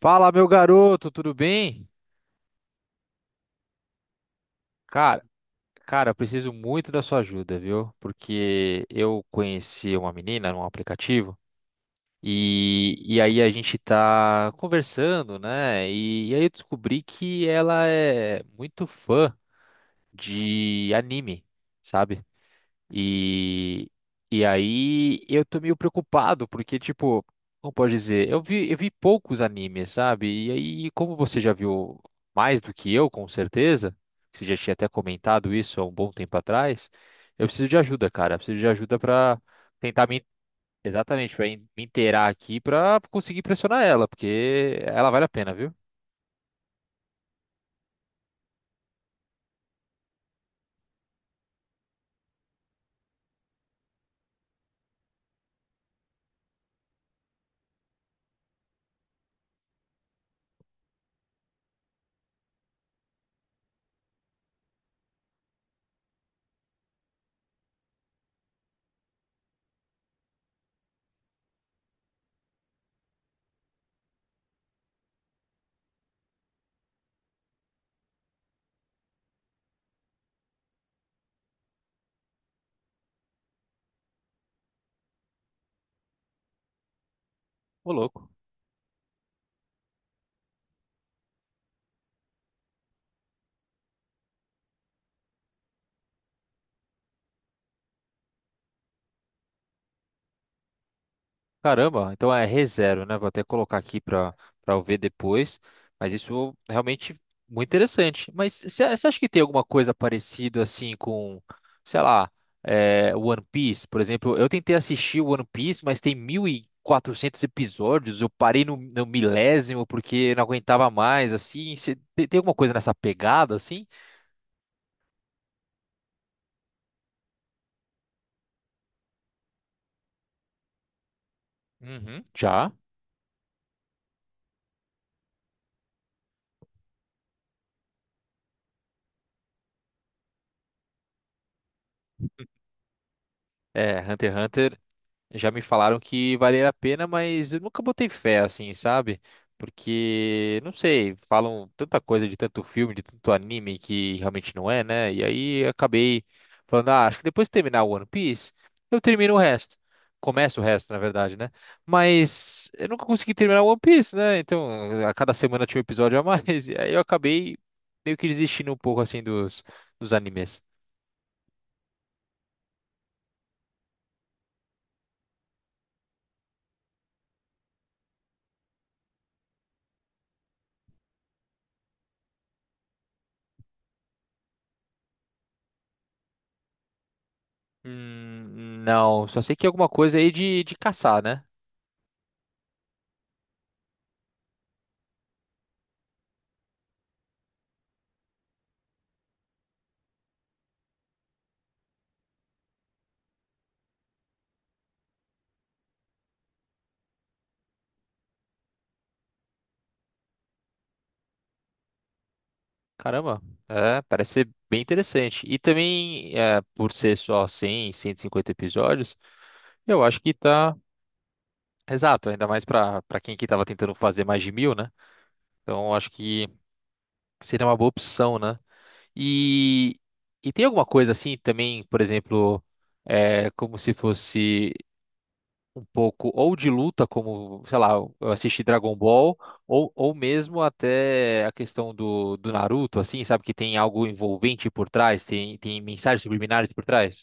Fala, meu garoto, tudo bem? Cara, cara, eu preciso muito da sua ajuda, viu? Porque eu conheci uma menina num aplicativo e aí a gente tá conversando, né? E aí eu descobri que ela é muito fã de anime, sabe? E, e aí eu tô meio preocupado, porque, tipo, como pode dizer, eu vi poucos animes, sabe? E aí, como você já viu mais do que eu, com certeza, você já tinha até comentado isso há um bom tempo atrás, eu preciso de ajuda, cara. Eu preciso de ajuda pra tentar me, exatamente, pra me inteirar aqui pra conseguir pressionar ela, porque ela vale a pena, viu? Ô, louco. Caramba, então é ReZero, né? Vou até colocar aqui para eu ver depois. Mas isso realmente muito interessante. Mas você acha que tem alguma coisa parecida assim com, sei lá, é, One Piece, por exemplo? Eu tentei assistir One Piece, mas tem 1.400 episódios. Eu parei no 1.000º porque não aguentava mais, assim. Tem alguma coisa nessa pegada, assim? Uhum, já. É, Hunter x Hunter, já me falaram que valia a pena, mas eu nunca botei fé assim, sabe? Porque, não sei, falam tanta coisa de tanto filme, de tanto anime que realmente não é, né? E aí eu acabei falando, ah, acho que depois de terminar o One Piece, eu termino o resto. Começo o resto, na verdade, né? Mas eu nunca consegui terminar o One Piece, né? Então, a cada semana tinha um episódio a mais, e aí eu acabei meio que desistindo um pouco assim dos animes. Não, só sei que é alguma coisa aí de caçar, né? Caramba, é, parece ser bem interessante. E também, é, por ser só 100, 150 episódios, eu acho que tá exato, ainda mais pra para quem que tava tentando fazer mais de mil, né? Então, eu acho que seria uma boa opção, né? E, e tem alguma coisa assim também, por exemplo, é, como se fosse um pouco ou de luta, como, sei lá, eu assisti Dragon Ball, ou mesmo até a questão do Naruto, assim, sabe, que tem algo envolvente por trás, tem mensagens subliminares por trás.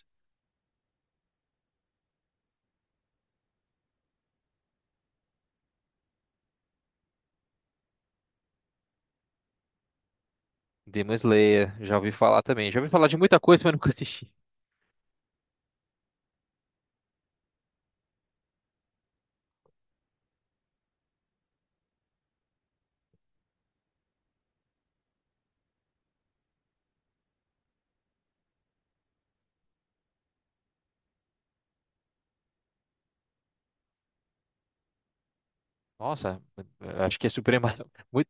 Demon Slayer, já ouvi falar também. Já ouvi falar de muita coisa, mas nunca assisti. Nossa, eu acho que é suprema, muito,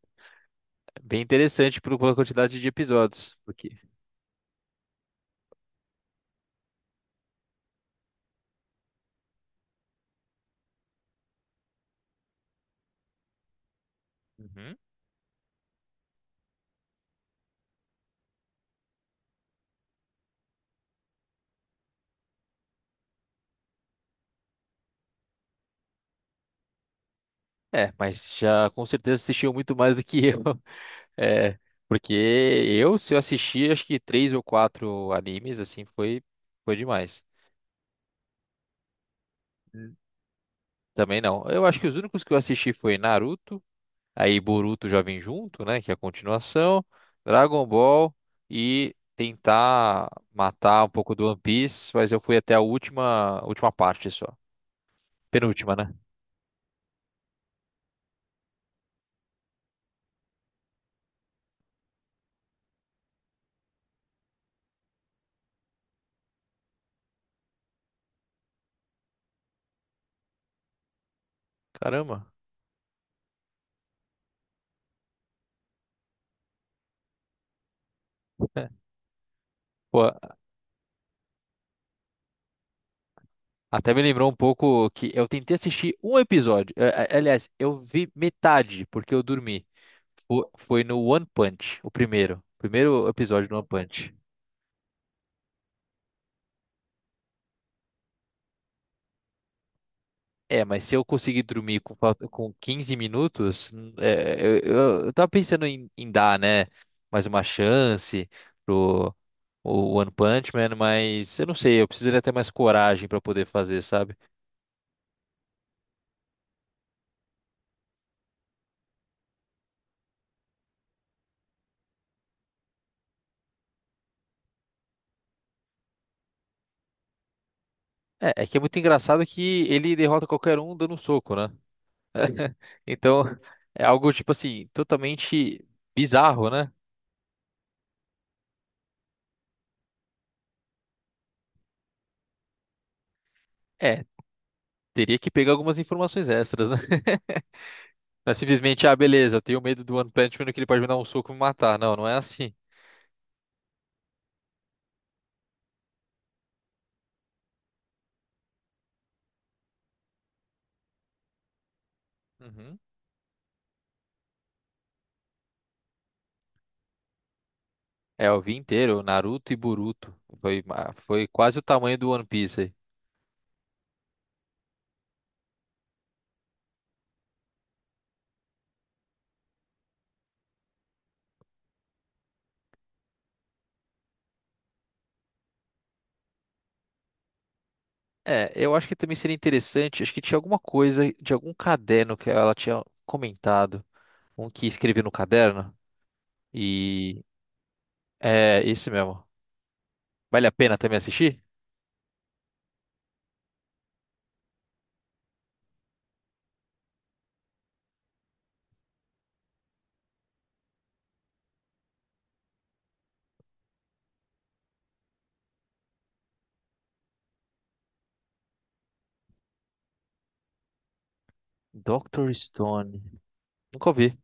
bem interessante pela quantidade de episódios. Porque. Uhum. É, mas já com certeza assistiu muito mais do que eu. É, porque se eu assisti, acho que três ou quatro animes, assim, foi, foi demais. Hum. Também não. Eu acho que os únicos que eu assisti foi Naruto, aí Boruto já vem junto, né, que é a continuação, Dragon Ball e tentar matar um pouco do One Piece, mas eu fui até a última, última parte só. Penúltima, né? Caramba. Pô, até me lembrou um pouco que eu tentei assistir um episódio. Aliás, eu vi metade porque eu dormi. Foi no One Punch, o primeiro. Primeiro episódio do One Punch. É, mas se eu conseguir dormir com 15 minutos, eu tava pensando em dar, né, mais uma chance pro o One Punch Man, mas eu não sei, eu precisaria ter mais coragem pra poder fazer, sabe? É que é muito engraçado que ele derrota qualquer um dando um soco, né? Então, é algo, tipo assim, totalmente bizarro, né? É, teria que pegar algumas informações extras, né? Não é simplesmente, ah, beleza, eu tenho medo do One Punch Man que ele pode me dar um soco e me matar. Não, não é assim. Uhum. É, eu vi inteiro, Naruto e Boruto. Foi quase o tamanho do One Piece aí. É, eu acho que também seria interessante, acho que tinha alguma coisa de algum caderno que ela tinha comentado. Um que escreveu no caderno. E é esse mesmo. Vale a pena também assistir? Dr. Stone. Nunca ouvi.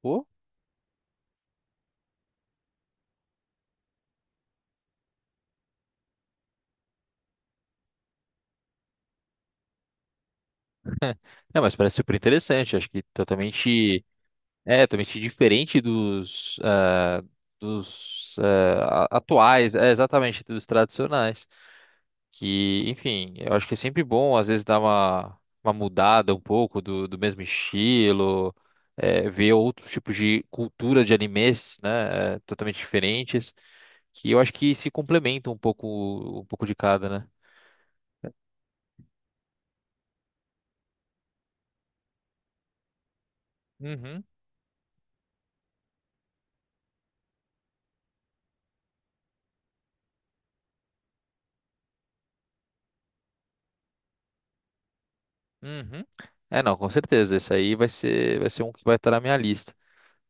Pô. É, mas parece super interessante. Acho que totalmente. É, totalmente diferente dos atuais, é, exatamente, dos tradicionais. Que, enfim, eu acho que é sempre bom, às vezes, dar uma mudada um pouco do mesmo estilo, é, ver outros tipos de cultura de animes, né, é, totalmente diferentes, que eu acho que se complementam um pouco de cada, né? Uhum, uhum. É, não, com certeza, esse aí vai ser um que vai estar na minha lista.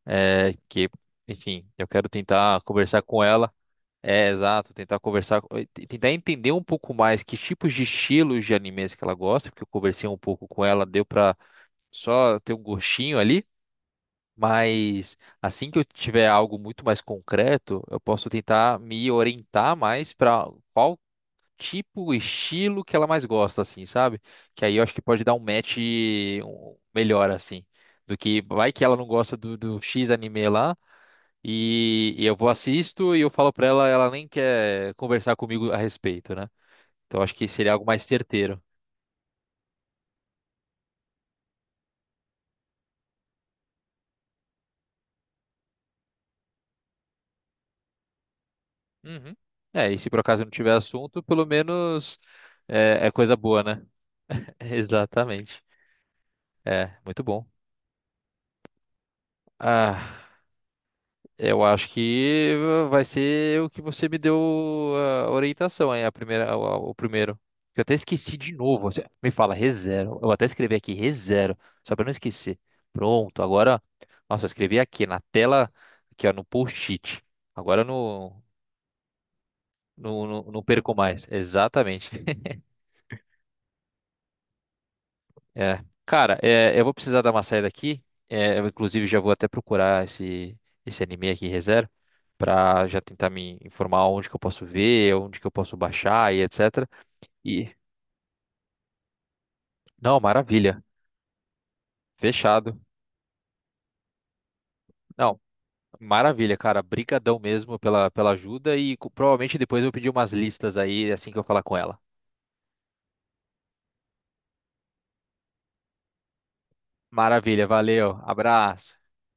É, que, enfim, eu quero tentar conversar com ela. É, exato, tentar conversar, e tentar entender um pouco mais que tipos de estilos de animes que ela gosta, porque eu conversei um pouco com ela, deu pra só ter um gostinho ali, mas assim que eu tiver algo muito mais concreto, eu posso tentar me orientar mais para qual tipo, estilo que ela mais gosta, assim, sabe? Que aí eu acho que pode dar um match melhor, assim, do que vai que ela não gosta do, X anime lá. E eu vou assisto e eu falo pra ela, ela nem quer conversar comigo a respeito, né? Então acho que seria algo mais certeiro. Uhum. É, e se por acaso não tiver assunto, pelo menos é coisa boa, né? Exatamente. É, muito bom. Ah. Eu acho que vai ser o que você me deu a orientação aí, a primeira, o primeiro. Que eu até esqueci de novo. Você me fala, rezero. Eu vou até escrevi aqui, rezero, só para não esquecer. Pronto, agora. Nossa, eu escrevi aqui na tela, aqui ó, no post-it. Agora eu não perco mais. Exatamente. É. Cara, é, eu vou precisar dar uma saída aqui. É, eu, inclusive, já vou até procurar esse anime aqui, Re:Zero, pra já tentar me informar onde que eu posso ver, onde que eu posso baixar e etc. E, não, maravilha. Fechado. Não, maravilha, cara. Brigadão mesmo pela ajuda e provavelmente depois eu vou pedir umas listas aí assim que eu falar com ela. Maravilha, valeu. Abraço.